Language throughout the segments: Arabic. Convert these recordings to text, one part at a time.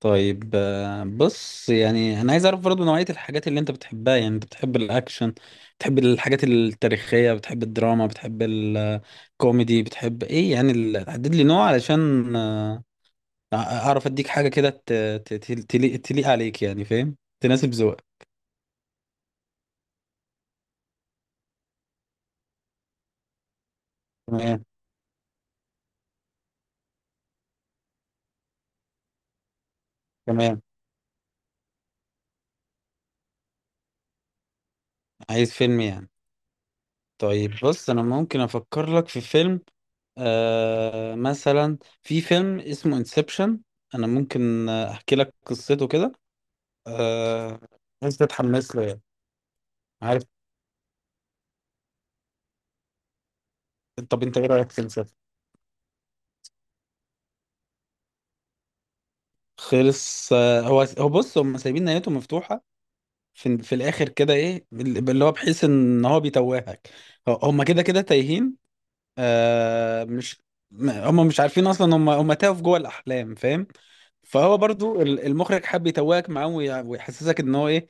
طيب، بص، يعني انا عايز اعرف برضه نوعية الحاجات اللي انت بتحبها، يعني انت بتحب الاكشن، بتحب الحاجات التاريخية، بتحب الدراما، بتحب الكوميدي، بتحب ايه يعني حدد لي نوع علشان اعرف اديك حاجة كده تليق عليك يعني، فاهم؟ تناسب ذوقك. تمام. تمام. عايز فيلم يعني؟ طيب بص، انا ممكن افكر لك في فيلم. مثلا في فيلم اسمه انسبشن، انا ممكن احكي لك قصته كده. آه... انت تتحمس له يعني. عارف. طب انت ايه رايك في المسلسل؟ خلص. هو بص، هم سايبين نهايته مفتوحه في الاخر كده، ايه اللي هو بحيث ان هو بيتوهك. هم كده كده تايهين. مش هم مش عارفين اصلا، هم تاهوا في جوه الاحلام، فاهم. فهو برضو المخرج حب يتوهك معاهم ويحسسك ان هو ايه.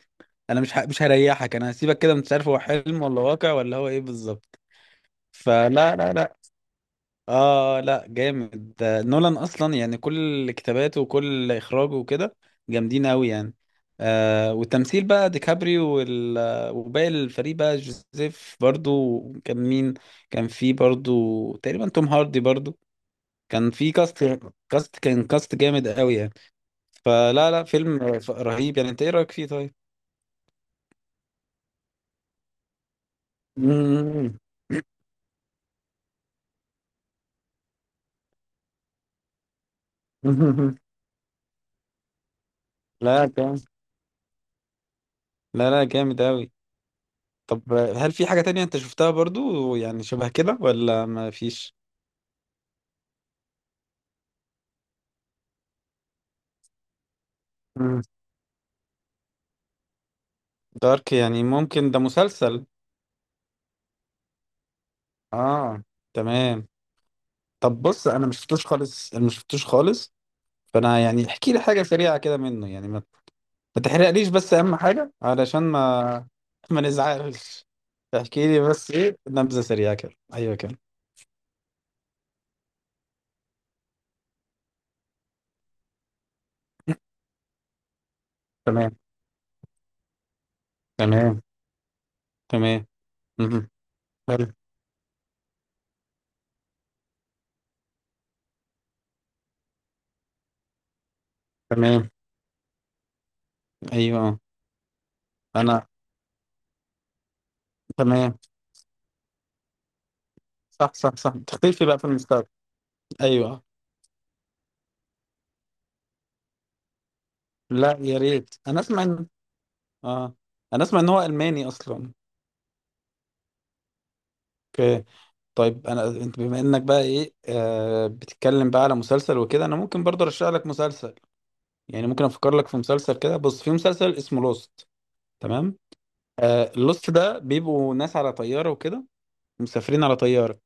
انا مش هريحك، انا هسيبك كده مش عارف هو حلم ولا واقع ولا هو ايه بالظبط. فلا لا لا، اه لا جامد ده نولان اصلا، يعني كل كتاباته وكل اخراجه وكده جامدين قوي يعني. والتمثيل بقى ديكابريو وباقي الفريق بقى جوزيف برضو، كان مين؟ كان في برضو تقريبا توم هاردي برضو، كان في كاست كان كاست جامد قوي يعني. فلا لا فيلم رهيب يعني. انت ايه رايك فيه طيب؟ لا كان. لا لا جامد قوي. طب هل في حاجة تانية انت شفتها برضو، يعني شبه كده ولا ما فيش؟ مم. دارك يعني، ممكن ده مسلسل. اه. تمام. طب بص، انا ما شفتوش خالص، انا ما شفتوش خالص، فانا يعني احكي لي حاجة سريعة كده منه يعني، ما تحرقليش، بس اهم حاجة علشان ما ما نزعلش. احكي لي بس ايه نبذة سريعة كده، ايوه كده. تمام. تمام. تمام. مهم. حلو. تمام. ايوه. انا. تمام. صح صح صح، تختلفي بقى في المستقبل. ايوه. لا يا ريت، انا اسمع ان اه انا اسمع ان هو الماني اصلا. اوكي. طيب، انت بما انك بقى ايه، بتتكلم بقى على مسلسل وكده، انا ممكن برضه ارشح لك مسلسل، يعني ممكن افكر لك في مسلسل كده. بص في مسلسل اسمه لوست. تمام. اللوست ده بيبقوا ناس على طياره وكده، مسافرين على طياره،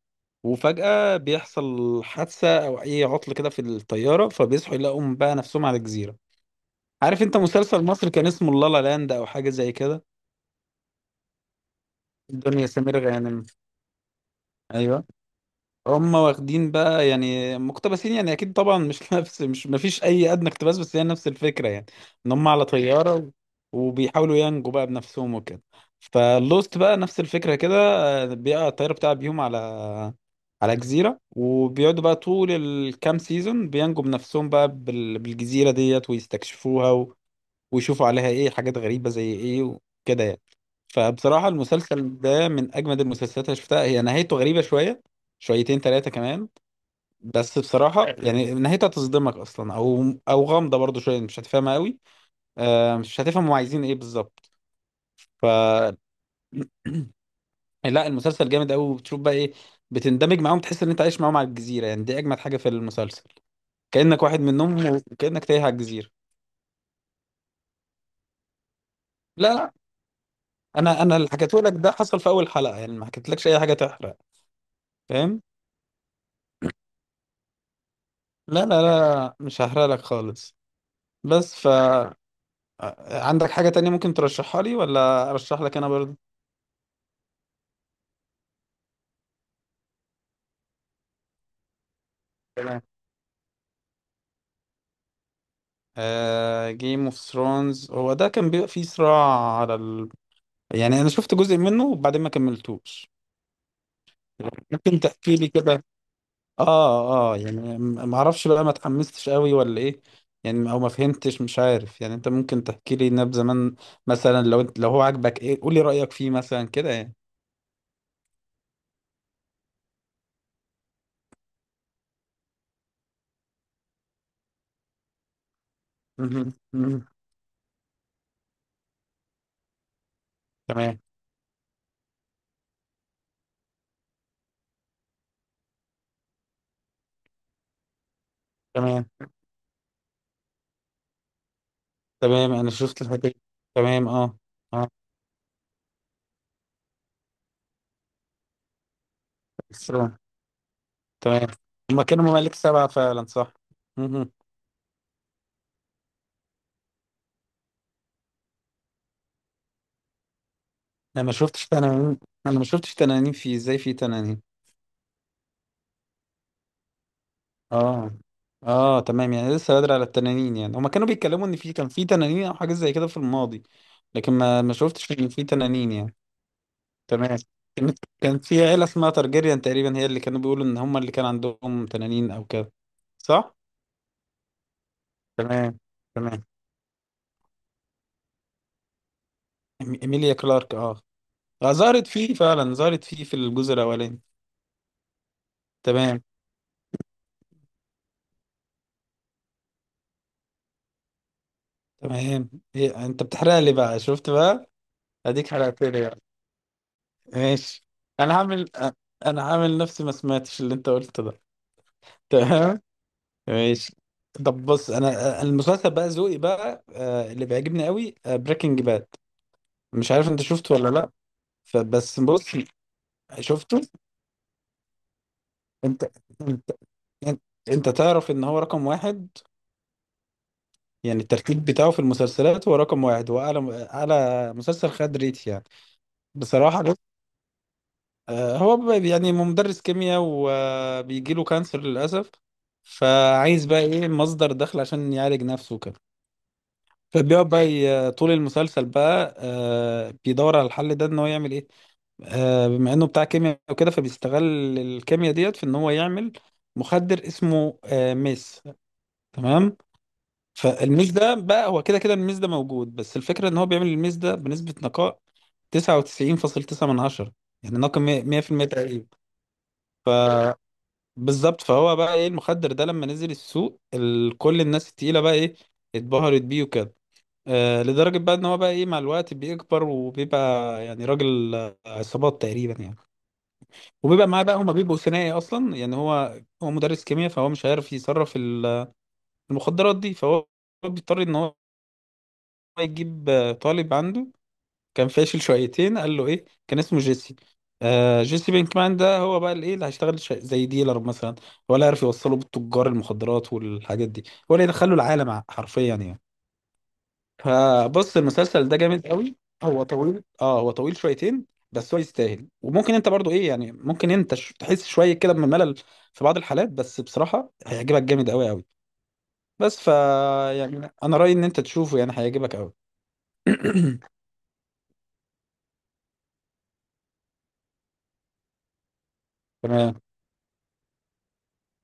وفجأة بيحصل حادثة أو أي عطل كده في الطيارة، فبيصحوا يلاقوا بقى نفسهم على جزيرة. عارف أنت مسلسل مصر كان اسمه لالا لاند أو حاجة زي كده، الدنيا سمير غانم. أيوه. هم واخدين بقى يعني مقتبسين، يعني اكيد طبعا مش نفس، مش مفيش اي ادنى اقتباس، بس هي نفس الفكره يعني، ان هم على طياره وبيحاولوا ينجوا بقى بنفسهم وكده. فلوست بقى نفس الفكره كده، بيقع الطياره بتاع بيهم على جزيره، وبيقعدوا بقى طول الكام سيزون بينجوا بنفسهم بقى بالجزيره ديت ويستكشفوها، ويشوفوا عليها ايه حاجات غريبة زي ايه وكده يعني. فبصراحة المسلسل ده من اجمد المسلسلات اللي شفتها. هي نهايته غريبة شوية، شويتين، ثلاثة كمان، بس بصراحة يعني نهايتها تصدمك اصلا، او غامضة برضو شوية، مش هتفهمها قوي. مش هتفهم هم عايزين ايه بالظبط. ف لا المسلسل جامد قوي، وبتشوف بقى ايه، بتندمج معاهم، تحس ان انت عايش معاهم على الجزيرة. يعني دي اجمد حاجة في المسلسل، كأنك واحد منهم وكأنك تايه على الجزيرة. لا لا، انا اللي حكيته لك ده حصل في اول حلقة، يعني ما حكيتلكش اي حاجة تحرق، فاهم؟ لا لا لا مش هحرق لك خالص. بس عندك حاجة تانية ممكن ترشحها لي ولا أرشح لك أنا برضه؟ تمام. جيم اوف ثرونز هو ده، كان بيبقى فيه صراع على يعني أنا شفت جزء منه وبعدين ما كملتوش. ممكن تحكي لي كده. اه يعني ما اعرفش بقى ما اتحمستش قوي ولا ايه، يعني او ما فهمتش مش عارف. يعني انت ممكن تحكي لي نبذة زمان، مثلا، لو هو عاجبك ايه قول لي رأيك فيه مثلا كده يعني. مهم. مهم. تمام. تمام. تمام انا شفت الحكاية. تمام. اه. اه السلام. تمام. هما كانوا ممالك سبعة فعلا. صح. مهم. انا ما شفتش تنانين، انا ما شفتش تنانين، في ازاي في تنانين؟ اه اه تمام، يعني لسه بدري على التنانين، يعني هما كانوا بيتكلموا ان كان في تنانين او حاجة زي كده في الماضي، لكن ما شفتش ان في تنانين يعني. تمام. كان في عيلة اسمها تارجيريان تقريبا، هي اللي كانوا بيقولوا ان هما اللي كان عندهم تنانين او كده. صح. تمام. تمام. إيميليا كلارك. اه. ظهرت فيه فعلا، ظهرت فيه في الجزء الاولاني. تمام. تمام. إيه انت بتحرق لي بقى، شفت بقى؟ اديك حرقت لي بقى. ماشي. انا هعمل أ- انا هعمل نفسي ما سمعتش اللي انت قلته ده. تمام. ماشي. طب بص، انا المسلسل بقى ذوقي بقى اللي بيعجبني قوي بريكنج باد. مش عارف انت شفته ولا لا. فبس بص، شفته. انت انت انت, انت تعرف ان هو رقم واحد، يعني الترتيب بتاعه في المسلسلات هو رقم واحد، هو أعلى أعلى مسلسل خد ريت يعني. بصراحة لا. هو يعني مدرس كيمياء، وبيجي له كانسر للأسف، فعايز بقى إيه مصدر دخل عشان يعالج نفسه كده. فبيقعد بقى طول المسلسل بقى بيدور على الحل ده، إن هو يعمل إيه. بما إنه بتاع كيمياء وكده، فبيستغل الكيمياء ديت في إن هو يعمل مخدر اسمه ميس. تمام. فالميز ده بقى، هو كده كده الميز ده موجود، بس الفكرة ان هو بيعمل الميز ده بنسبة نقاء 99.9 من عشرة، يعني ناقم 100% تقريبا. ف- بالظبط. فهو بقى ايه، المخدر ده لما نزل السوق كل الناس التقيلة بقى ايه اتبهرت بيه وكده، لدرجة بقى ان هو بقى ايه مع الوقت بيكبر وبيبقى يعني راجل عصابات تقريبا يعني، وبيبقى معاه بقى، هما بيبقوا ثنائي اصلا يعني. هو مدرس كيمياء، فهو مش عارف يصرف المخدرات دي، فهو بيضطر ان هو يجيب طالب عنده كان فاشل شويتين، قال له ايه كان اسمه جيسي. جيسي بينكمان ده، هو بقى الايه اللي هيشتغل زي ديلر مثلا، ولا عارف يوصله بالتجار المخدرات والحاجات دي، ولا يدخله العالم حرفيا يعني. فبص المسلسل ده جامد قوي. هو طويل. اه هو طويل شويتين، بس هو يستاهل. وممكن انت برضو ايه يعني، ممكن انت تحس شويه كده بملل في بعض الحالات، بس بصراحه هيعجبك جامد قوي قوي. بس يعني، انا رايي ان انت تشوفه، يعني هيعجبك قوي. تمام.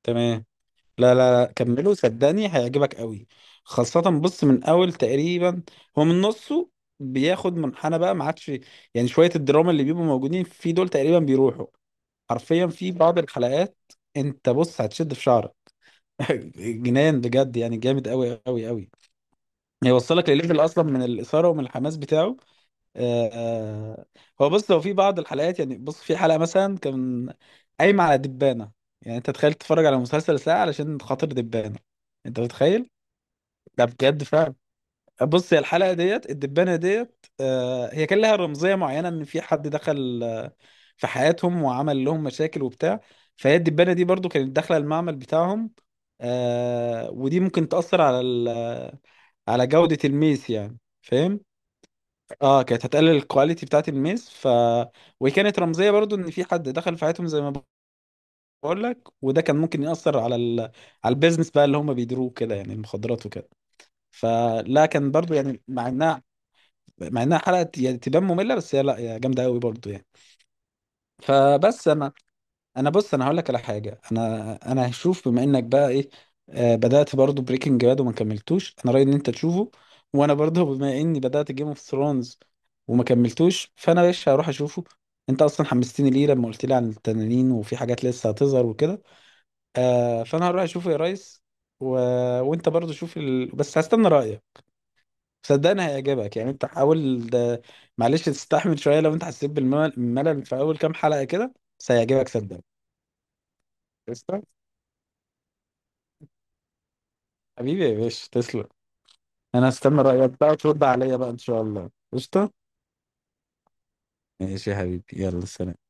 تمام. لا لا لا، كمله صدقني هيعجبك قوي. خاصة بص، من أول تقريبا، هو من نصه بياخد منحنى بقى ما عادش، يعني شوية الدراما اللي بيبقوا موجودين في دول تقريبا بيروحوا حرفيا في بعض الحلقات. أنت بص هتشد في شعرك. جنان بجد يعني، جامد قوي قوي قوي، هيوصلك لليفل أصلا من الإثارة ومن الحماس بتاعه. آه، آه. هو بص، في بعض الحلقات يعني، بص في حلقة مثلا كان قايمة على دبانة. يعني انت تخيل، تتفرج على مسلسل ساعة علشان خاطر دبانة. انت متخيل؟ ده بجد فعلا. بص هي الحلقة ديت الدبانة ديت، هي كان لها رمزية معينة ان في حد دخل في حياتهم وعمل لهم مشاكل وبتاع. فهي الدبانة دي برضو كانت داخلة المعمل بتاعهم، ودي ممكن تأثر على جودة الميس يعني، فاهم؟ اه كانت هتقلل الكواليتي بتاعت الميز. وهي كانت رمزيه برضو ان في حد دخل في حياتهم زي ما بقول لك، وده كان ممكن ياثر على البيزنس بقى اللي هم بيديروه كده، يعني المخدرات وكده. فلا كان برضو يعني، مع انها حلقه يعني تبان ممله، بس هي لا هي جامده قوي برضو يعني. انا، انا بص، هقول لك على حاجه. انا هشوف بما انك بقى ايه بدات برضو بريكنج باد وما كملتوش، انا رايي ان انت تشوفه. وانا برضو بما اني بدات جيم اوف ثرونز وما كملتوش، فانا ايش هروح اشوفه، انت اصلا حمستني ليه لما قلت لي عن التنانين وفي حاجات لسه هتظهر وكده. فانا هروح اشوفه يا ريس. و... وانت برضو شوف بس هستنى رايك، صدقني هيعجبك، يعني انت حاول ده. معلش تستحمل شويه لو انت حسيت بالملل في اول كام حلقه كده، بس هيعجبك صدقني. قشطة؟ حبيبي يا باشا تسلم. انا هستنى رأيك بقى وترد عليا بقى ان شاء الله. قشطة. ماشي يا حبيبي يلا سلام.